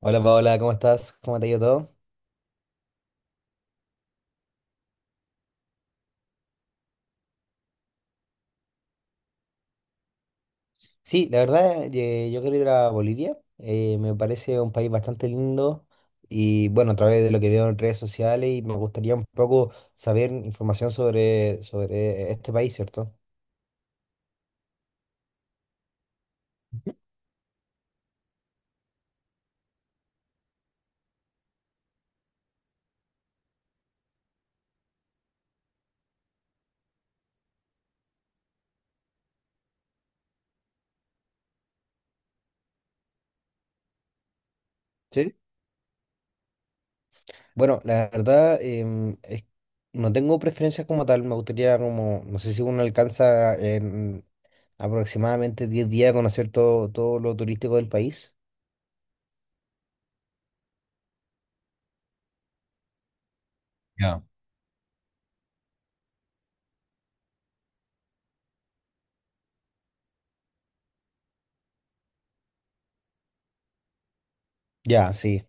Hola Paola, ¿cómo estás? ¿Cómo te ha ido todo? Sí, la verdad, yo quiero ir a Bolivia. Me parece un país bastante lindo y bueno, a través de lo que veo en redes sociales y me gustaría un poco saber información sobre este país, ¿cierto? Ujú. Sí. Bueno, la verdad, no tengo preferencias como tal. Me gustaría como, no sé si uno alcanza en aproximadamente 10 días a conocer todo lo turístico del país. Ya. Ya, sí,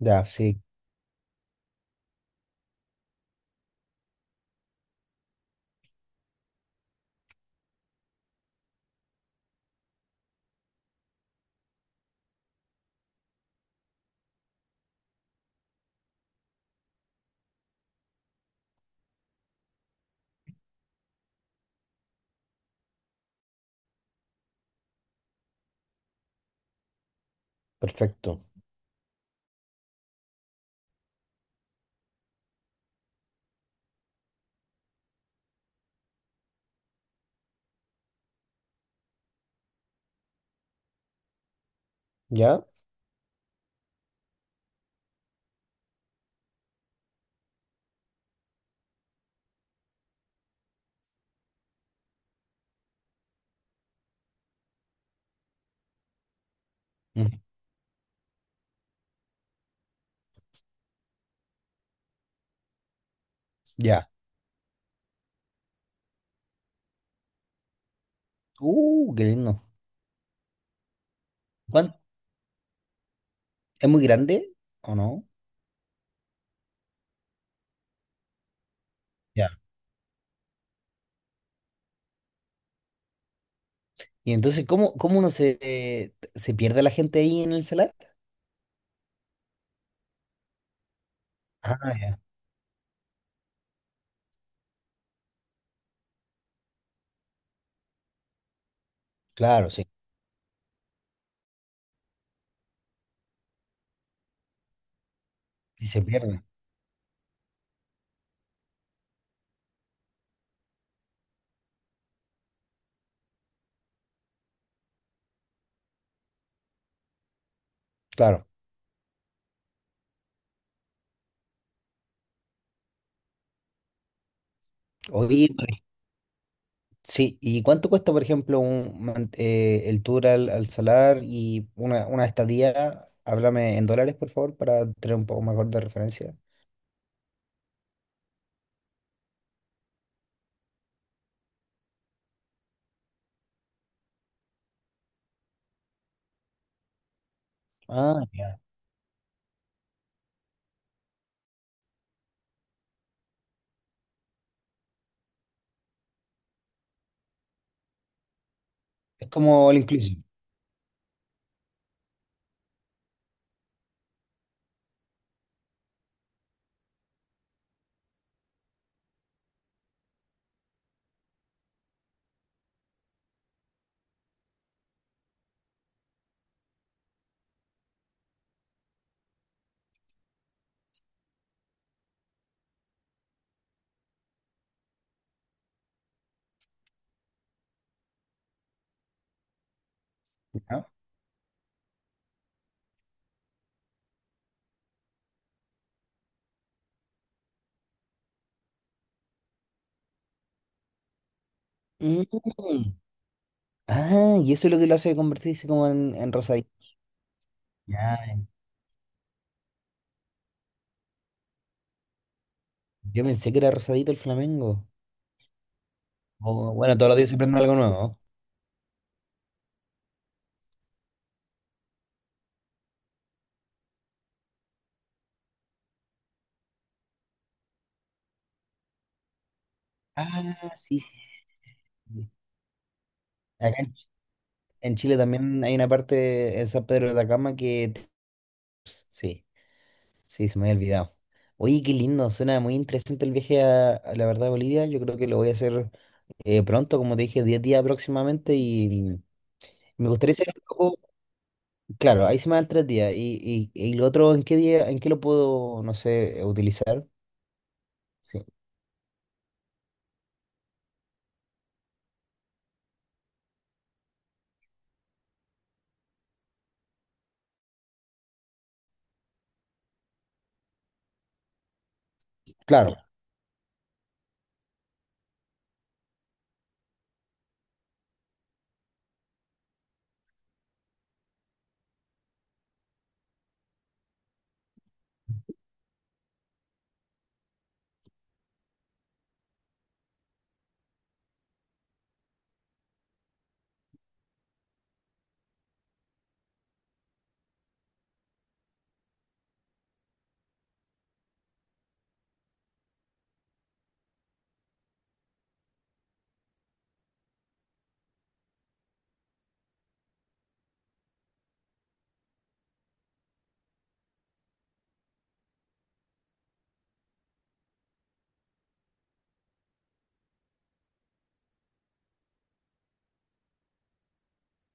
ya, sí, perfecto. ¿Ya? Ujú. Ya. Qué lindo. Juan, ¿es muy grande o no? Ya. Y entonces, ¿cómo, cómo uno se pierde la gente ahí en el salar? Ah, ya. Claro, sí. Y se pierde. Claro. Oye, vale. Sí. ¿Y cuánto cuesta, por ejemplo, el tour al salar y una estadía? Háblame en dólares, por favor, para tener un poco mejor de referencia. Ah, ya. Es como el inclusive, ¿no? Mm. Ah, y eso es lo que lo hace convertirse como en rosadito. Yo pensé que era rosadito el Flamengo. O, bueno, todos los días se prende algo nuevo, ¿no? Ah, sí, sí, sí, sí. Acá en Chile también hay una parte en San Pedro de Atacama que... Sí, sí, se me había olvidado. Oye, qué lindo, suena muy interesante el viaje a la verdad a Bolivia. Yo creo que lo voy a hacer pronto, como te dije, 10 días próximamente y me gustaría hacer un poco... Claro, ahí se me dan 3 días. Y, y lo otro, ¿en qué día, en qué lo puedo, no sé, utilizar? Sí, claro.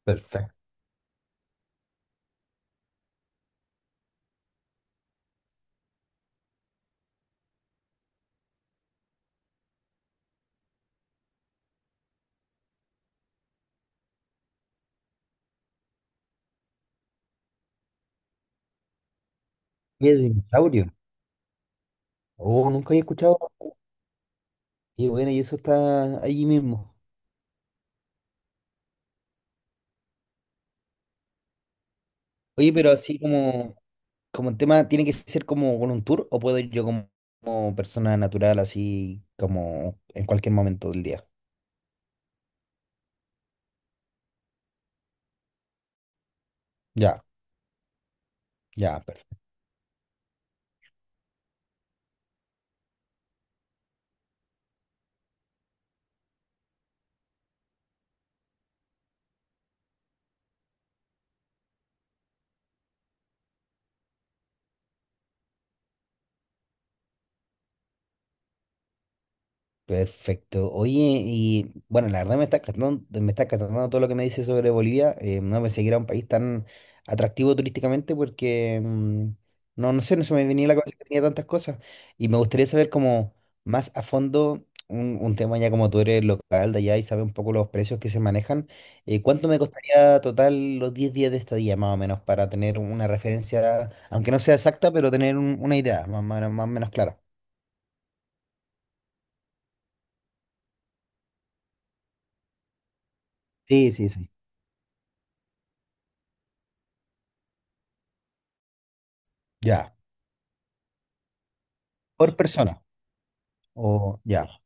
Perfecto. ¿Qué dinosaurio? Oh, nunca había escuchado. Y bueno, y eso está allí mismo. Oye, pero así como el tema, ¿tiene que ser como con un tour o puedo ir yo como persona natural, así como en cualquier momento del día? Ya, ya. Perfecto. Oye, y bueno, la verdad me está encantando todo lo que me dice sobre Bolivia. No pensé que era un país tan atractivo turísticamente porque no, no sé, no se me venía a la cabeza que tenía tantas cosas. Y me gustaría saber como más a fondo un tema ya como tú eres local de allá y sabes un poco los precios que se manejan. ¿Cuánto me costaría total los 10 días de estadía más o menos para tener una referencia, aunque no sea exacta, pero tener una idea más o menos clara? Sí, sí, sí. Ya. Por persona. O ya.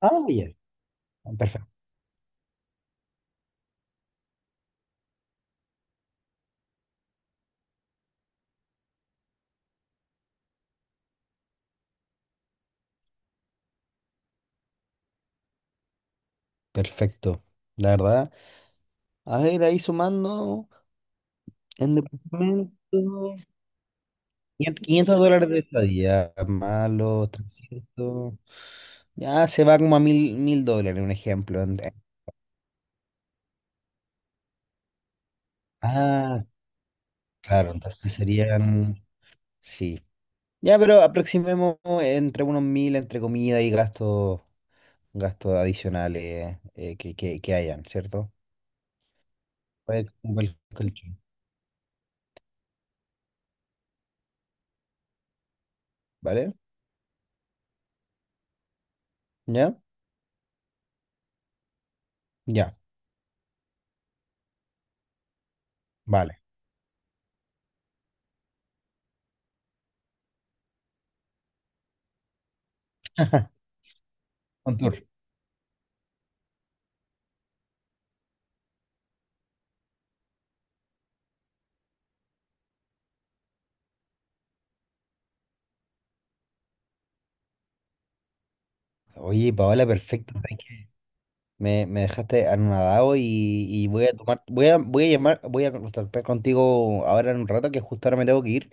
Ah, bien. Perfecto. Perfecto. La verdad. A ver, ahí sumando en departamento. Quinientos $500 de estadía, más los 300. Ya se va como a mil dólares, un ejemplo. Ah, claro, entonces serían. Sí. Ya, pero aproximemos entre unos mil entre comida y gastos adicionales que hayan, ¿cierto? Pues, como el colchón. ¿Vale? ¿Ya? Ya, vale. Un tour. Oye, Paola, perfecto. ¿Sabes qué? Me dejaste anonadado y, voy a tomar, voy a, voy a llamar, voy a contactar contigo ahora en un rato, que justo ahora me tengo que ir,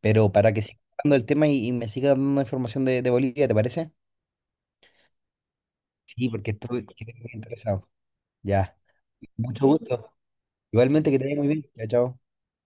pero para que siga hablando el tema y, me siga dando información de Bolivia, ¿te parece? Sí, porque estoy muy interesado. Ya. Mucho gusto. Igualmente que te vaya muy bien. Chao, chao.